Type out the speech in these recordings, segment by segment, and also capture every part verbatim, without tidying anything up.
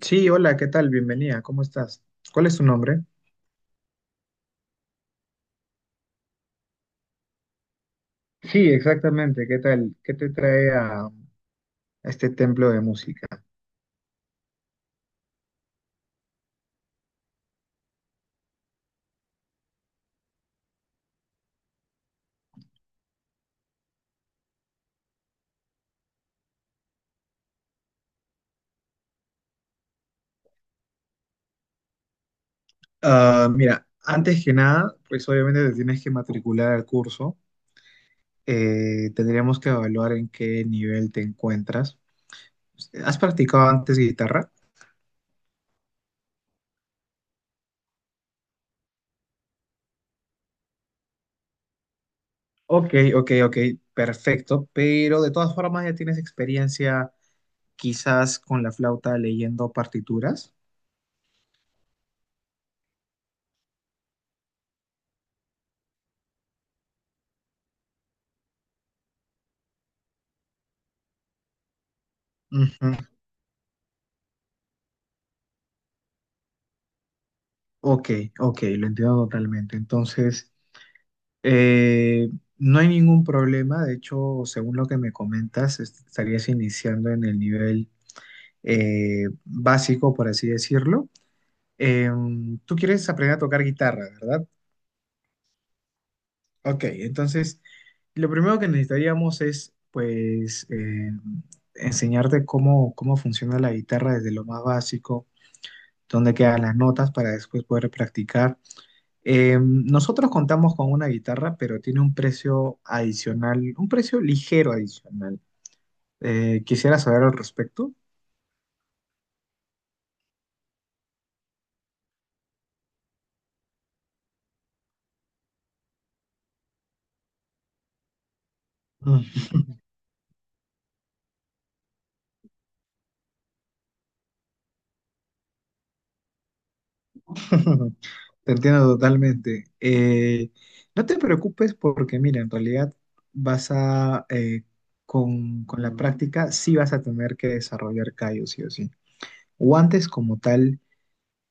Sí, hola, ¿qué tal? Bienvenida, ¿cómo estás? ¿Cuál es tu nombre? Sí, exactamente, ¿qué tal? ¿Qué te trae a, a este templo de música? Ah, mira, antes que nada, pues obviamente te tienes que matricular al curso. Eh, tendríamos que evaluar en qué nivel te encuentras. ¿Has practicado antes guitarra? Ok, ok, ok, perfecto, pero de todas formas ya tienes experiencia quizás con la flauta leyendo partituras. Ujú. Ok, ok, lo entiendo totalmente. Entonces, Eh, no hay ningún problema, de hecho, según lo que me comentas, est- estarías iniciando en el nivel eh, básico, por así decirlo. Em, tú quieres aprender a tocar guitarra, ¿verdad? Ok, entonces, lo primero que necesitaríamos es, pues, em, enseñarte cómo, cómo funciona la guitarra desde lo más básico, dónde quedan las notas para después poder practicar. Eh, nosotros contamos con una guitarra, pero tiene un precio adicional, un precio ligero adicional. Eh, quisiera saber al respecto. Mm. Te entiendo totalmente. Eh, no te preocupes porque, mira, en realidad vas a, eh, con, con la práctica, sí vas a tener que desarrollar callos, sí o sí. Guantes como tal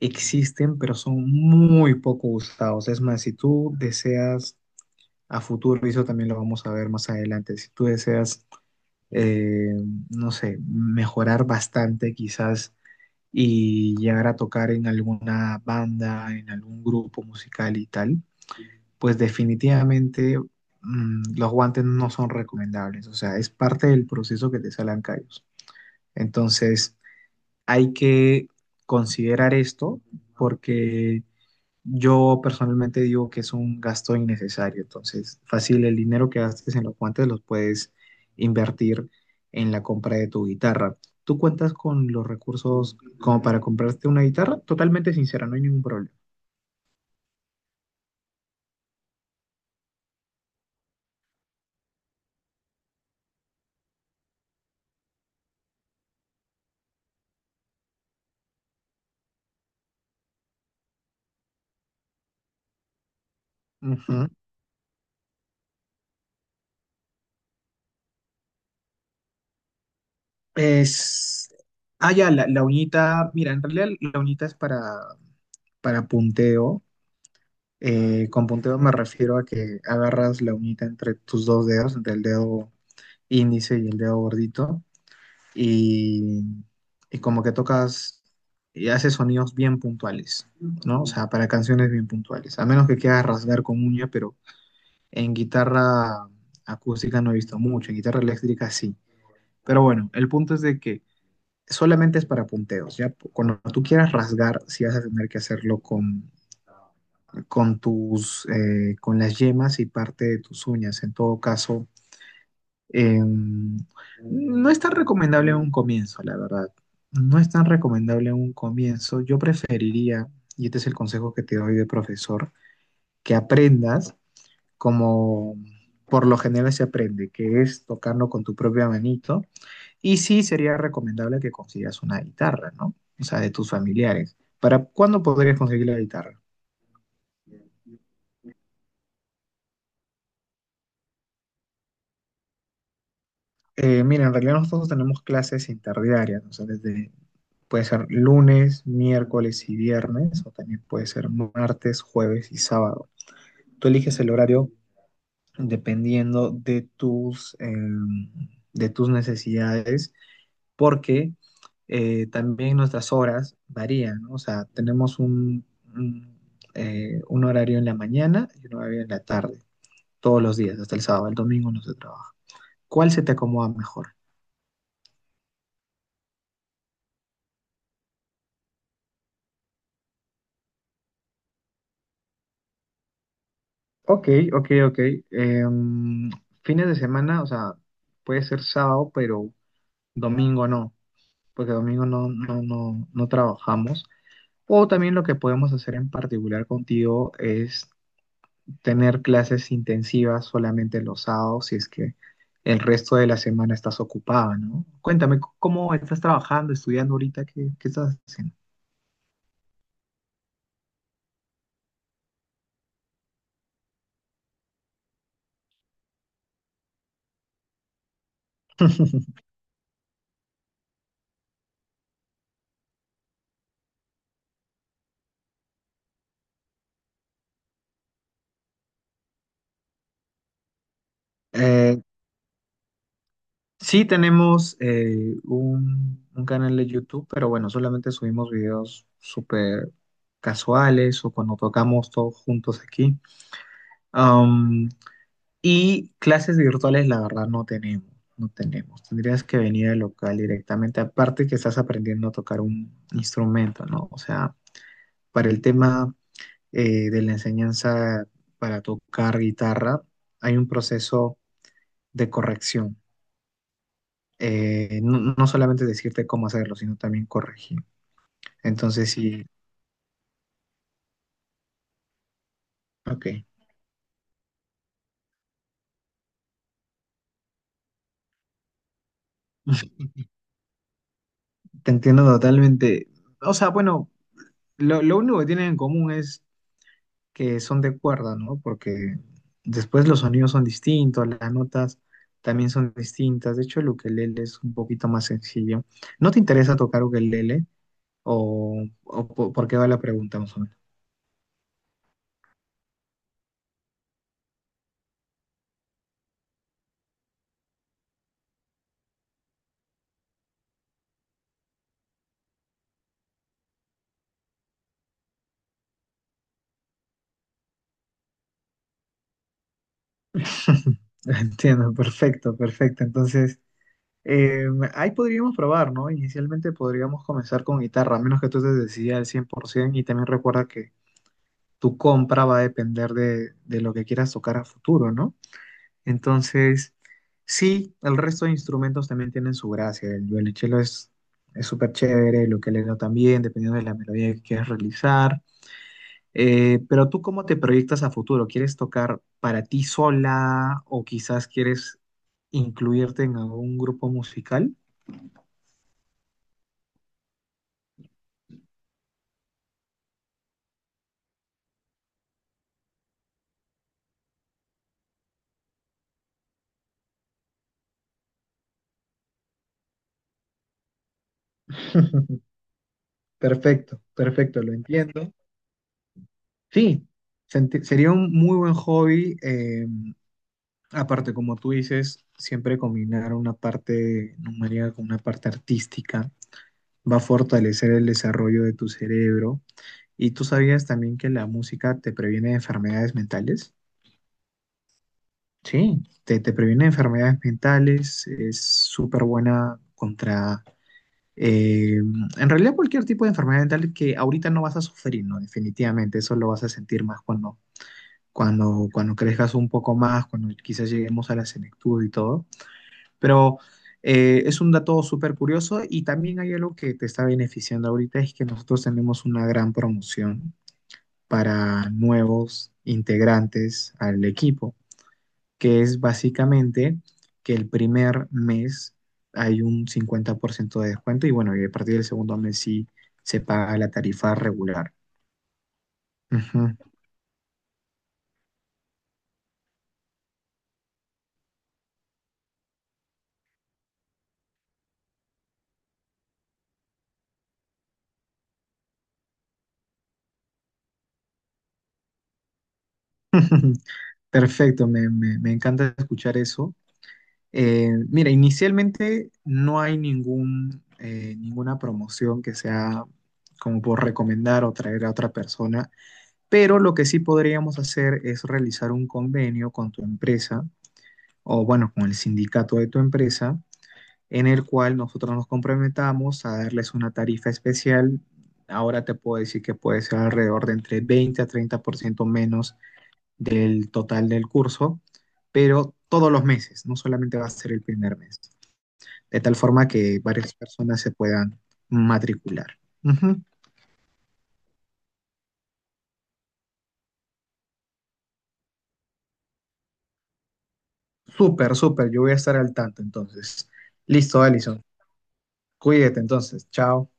existen, pero son muy poco usados. Es más, si tú deseas a futuro, y eso también lo vamos a ver más adelante. Si tú deseas, eh, no sé, mejorar bastante quizás y llegar a tocar en alguna banda, en algún grupo musical y tal, pues definitivamente mm, los guantes no son recomendables, o sea, es parte del proceso que te salen callos. Entonces, hay que considerar esto porque yo personalmente digo que es un gasto innecesario, entonces fácil el dinero que gastes en los guantes los puedes invertir en la compra de tu guitarra. ¿Tú cuentas con los recursos como para comprarte una guitarra? Totalmente sincera, no hay ningún problema. Ujú. Es... Ah, ya, la, la uñita, mira, en realidad la uñita es para, para punteo. Eh, con punteo me refiero a que agarras la uñita entre tus dos dedos, entre el dedo índice y el dedo gordito y, y como que tocas y haces sonidos bien puntuales, ¿no? O sea, para canciones bien puntuales. A menos que quieras rasgar con uña, pero en guitarra acústica no he visto mucho, en guitarra eléctrica sí. Pero bueno, el punto es de que solamente es para punteos, ¿ya? Cuando tú quieras rasgar, sí vas a tener que hacerlo con, con tus, eh, con las yemas y parte de tus uñas. En todo caso, Eh, no es tan recomendable en un comienzo, la verdad. No es tan recomendable en un comienzo. Yo preferiría, y este es el consejo que te doy de profesor, que aprendas como por lo general se aprende, que es tocarlo con tu propia manito. Y sí sería recomendable que consigas una guitarra, ¿no? O sea, de tus familiares. ¿Para cuándo podrías conseguir la guitarra? Eh, mira, en realidad nosotros no tenemos clases interdiarias, o sea, desde, puede ser lunes, miércoles y viernes, o también puede ser martes, jueves y sábado. Tú eliges el horario dependiendo de tus, eh, de tus necesidades, porque eh, también nuestras horas varían, ¿no? O sea, tenemos un, un, eh, un horario en la mañana y un horario en la tarde, todos los días, hasta el sábado, el domingo no se trabaja. ¿Cuál se te acomoda mejor? Ok, ok, ok. Em, Fines de semana, o sea, puede ser sábado, pero domingo no, porque domingo no, no, no, no trabajamos. O también lo que podemos hacer en particular contigo es tener clases intensivas solamente los sábados, si es que el resto de la semana estás ocupada, ¿no? Cuéntame, c- ¿cómo estás trabajando, estudiando ahorita? ¿Qué, ¿qué estás haciendo? Sí, tenemos eh, un, un canal de YouTube, pero bueno, solamente subimos videos súper casuales o cuando tocamos todos juntos aquí. Am, y clases virtuales, la verdad, no tenemos, no tenemos. Tendrías que venir al local directamente, aparte que estás aprendiendo a tocar un instrumento, ¿no? O sea, para el tema eh, de la enseñanza para tocar guitarra, hay un proceso de corrección. eh, no, no solamente decirte cómo hacerlo, sino también corregir. Entonces sí, ok, te entiendo totalmente. O sea, bueno, lo, lo único que tienen en común es que son de cuerda, ¿no? Porque después los sonidos son distintos, las notas también son distintas. De hecho, el ukelele es un poquito más sencillo. ¿No te interesa tocar ukelele? ¿O, o po- por qué va la pregunta, más o menos? Entiendo, perfecto, perfecto. Entonces... Eh, Ahí podríamos probar, ¿no? Inicialmente podríamos comenzar con guitarra, a menos que tú te decidas al cien por ciento, y también recuerda que tu compra va a depender de, de lo que quieras tocar a futuro, ¿no? Entonces, sí, el resto de instrumentos también tienen su gracia. El violonchelo es es súper chévere, el ukelele también, dependiendo de la melodía que quieras realizar. Eh, pero tú, ¿cómo te proyectas a futuro? ¿Quieres tocar para ti sola o quizás quieres incluirte en algún grupo musical? Perfecto, perfecto, lo entiendo. Sí, senti- sería un muy buen hobby. Eh, aparte, como tú dices, siempre combinar una parte numérica con una parte artística va a fortalecer el desarrollo de tu cerebro. ¿Y tú sabías también que la música te previene de enfermedades mentales? Sí, te, te previene de enfermedades mentales, es súper buena contra... eh, en realidad cualquier tipo de enfermedad mental que ahorita no vas a sufrir, ¿no? Definitivamente, eso lo vas a sentir más cuando cuando, cuando crezcas un poco más, cuando quizás lleguemos a la senectud y todo. Pero eh, es un dato súper curioso y también hay algo que te está beneficiando ahorita, es que nosotros tenemos una gran promoción para nuevos integrantes al equipo, que es básicamente que el primer mes hay un cincuenta por ciento de descuento y bueno, y a partir del segundo mes sí se paga la tarifa regular. Ujú. Perfecto, me, me- me encanta escuchar eso. Eh, mira, inicialmente no hay ningún, eh, ninguna promoción que sea como por recomendar o traer a otra persona, pero lo que sí podríamos hacer es realizar un convenio con tu empresa o bueno, con el sindicato de tu empresa, en el cual nosotros nos comprometamos a darles una tarifa especial. Ahora te puedo decir que puede ser alrededor de entre veinte a treinta por ciento menos del total del curso, pero todos los meses, no solamente va a ser el primer mes de tal forma que varias personas se puedan matricular. Ujú. Súper, súper, yo voy a estar al tanto entonces. Listo, Alison. Cuídate entonces. Chao.